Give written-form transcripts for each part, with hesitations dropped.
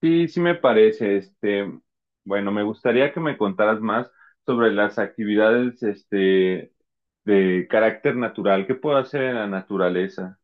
Sí, sí me parece, bueno, me gustaría que me contaras más sobre las actividades, de carácter natural. ¿Qué puedo hacer en la naturaleza?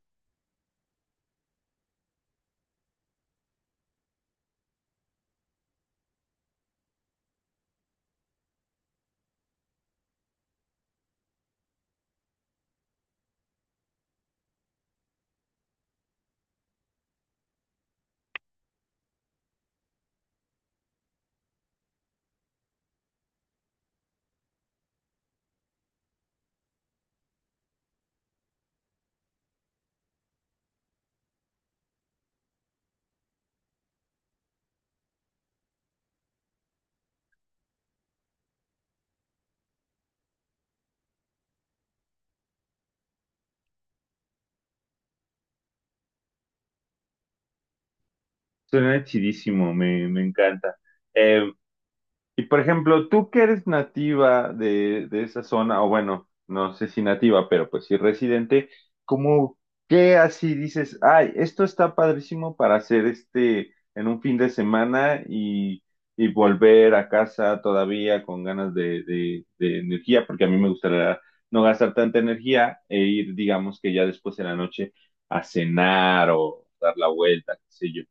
Suena chidísimo, me encanta. Em, Y por ejemplo, tú que eres nativa de esa zona, o bueno, no sé si nativa, pero pues sí residente, ¿cómo qué así dices, ay, esto está padrísimo para hacer en un fin de semana y, volver a casa todavía con ganas de energía, porque a mí me gustaría no gastar tanta energía e ir, digamos que ya después de la noche a cenar o dar la vuelta, qué sé yo?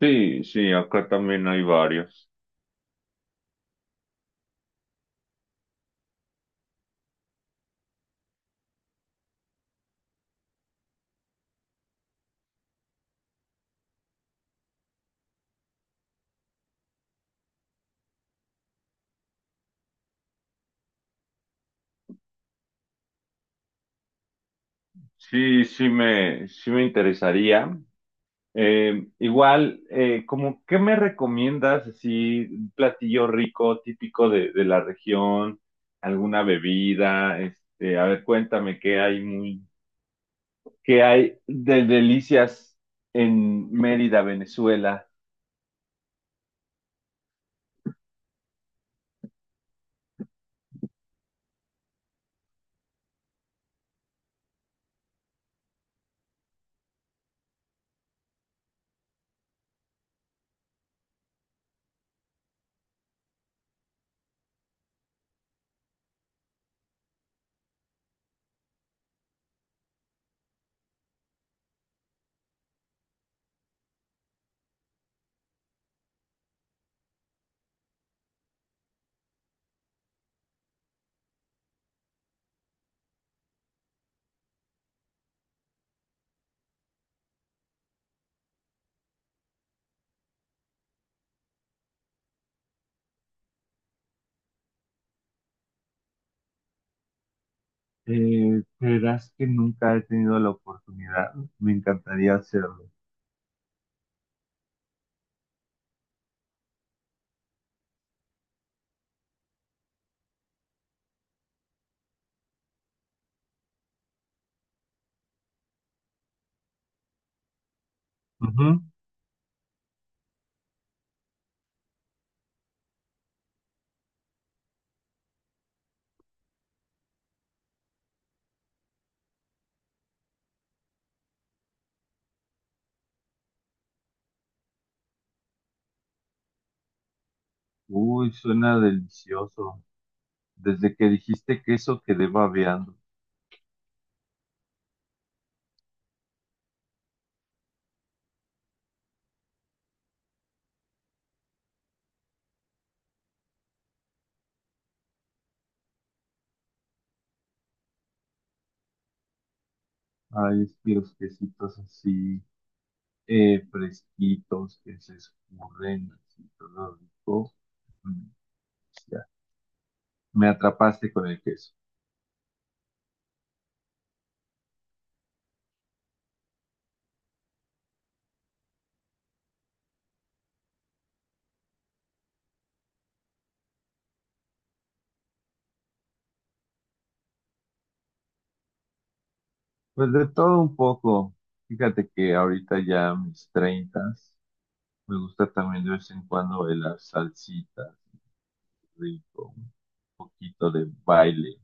Sí, sí, acá también hay varios. Sí, sí me, interesaría. Igual, como, ¿qué me recomiendas? Así, un platillo rico, típico de la región, alguna bebida, a ver, cuéntame qué hay de delicias en Mérida, Venezuela. Creerás que nunca he tenido la oportunidad. Me encantaría hacerlo. Ujú. Uy, suena delicioso. Desde que dijiste queso quedé babeando. Ay, es que los quesitos así, fresquitos, que se escurren, así todo rico. Mm, ya, me atrapaste con el queso. Pues de todo un poco. Fíjate que ahorita ya a mis treintas, me gusta también de vez en cuando de las salsitas, rico, un poquito de baile.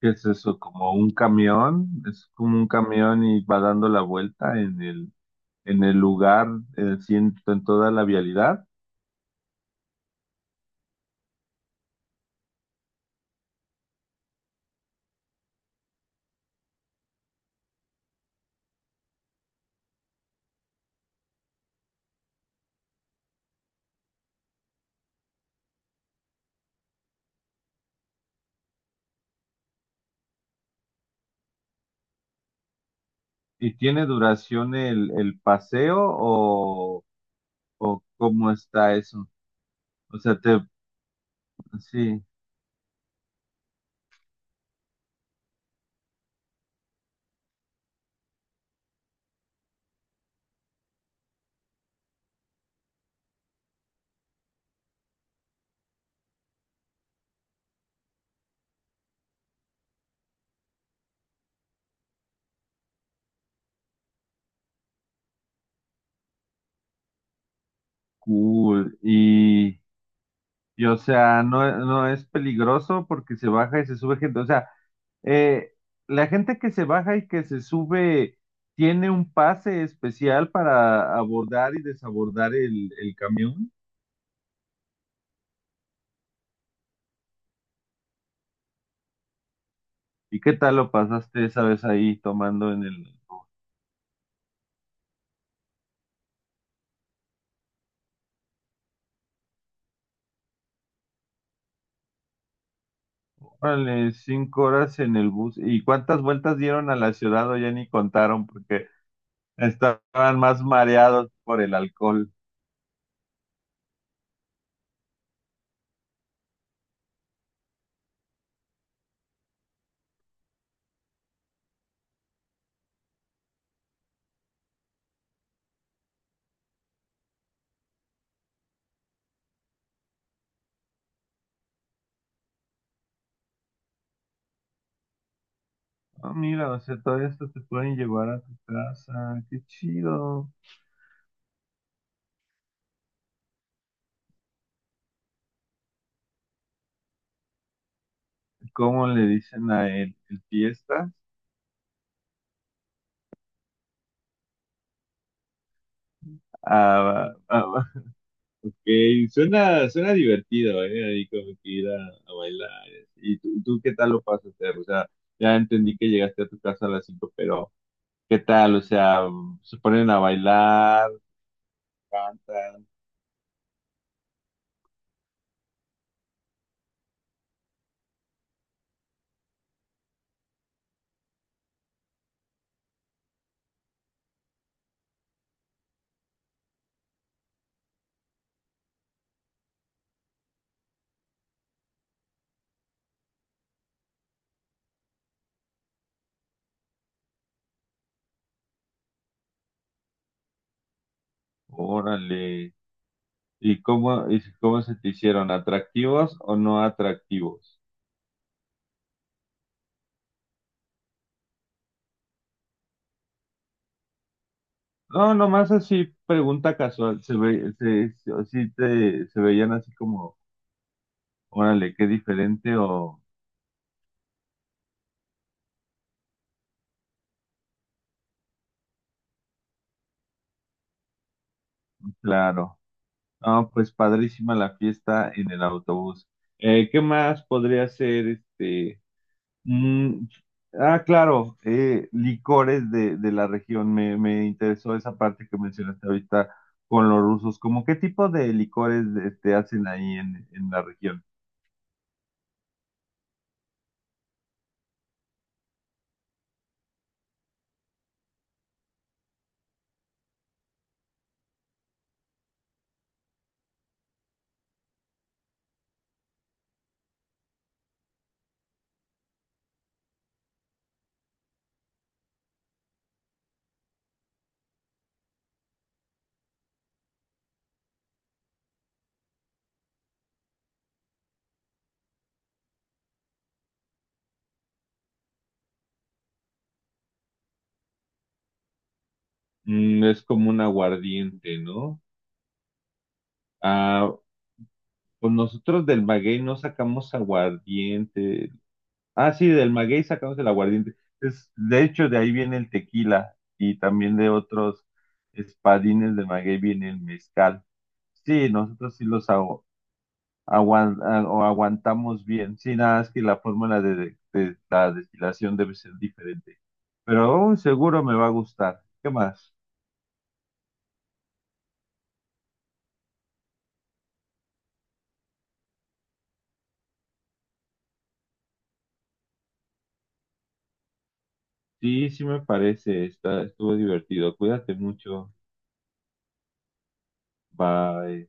¿Qué es eso? Como un camión, es como un camión y va dando la vuelta en el lugar, así en toda la vialidad. ¿Y tiene duración el paseo o cómo está eso? O sea, sí, cool. O sea, no, no es peligroso porque se baja y se sube gente. O sea, eh, la gente que se baja y que se sube tiene un pase especial para abordar y desabordar el camión. ¿Y qué tal lo pasaste esa vez ahí tomando en el? Vale, 5 horas en el bus. ¿Y cuántas vueltas dieron a la ciudad? O ya ni contaron porque estaban más mareados por el alcohol. Ah, mira, o sea, todo esto te pueden llevar a tu casa. Qué chido. ¿Cómo le dicen a él? ¿El fiesta? Ah, ah, ah, ok, suena divertido, ¿eh? Ahí como que ir a bailar. ¿Y tú qué tal lo pasaste? O sea, ya entendí que llegaste a tu casa a las 5, pero ¿qué tal? O sea, se ponen a bailar, cantan. Órale. ¿Y cómo se te hicieron? ¿Atractivos o no atractivos? No, nomás así, pregunta casual. ¿Se ve, se- o sí te, Se veían así como, órale, qué diferente o claro? No, pues padrísima la fiesta en el autobús. ¿Qué más podría ser? Mm, ah, claro, licores de la región. Me interesó esa parte que mencionaste ahorita con los rusos. ¿Cómo qué tipo de licores hacen ahí en la región? Mm, es como un aguardiente, ¿no? Ah, pues nosotros del maguey no sacamos aguardiente. Ah, sí, del maguey sacamos el aguardiente. Es, de hecho, de ahí viene el tequila y también de otros espadines de maguey viene el mezcal. Sí, nosotros sí los aguan- a- o aguantamos bien. Sí, nada, es que la fórmula de la destilación debe ser diferente. Pero aún seguro me va a gustar. ¿Qué más? Sí, sí me parece. Estuvo divertido. Cuídate mucho. Bye.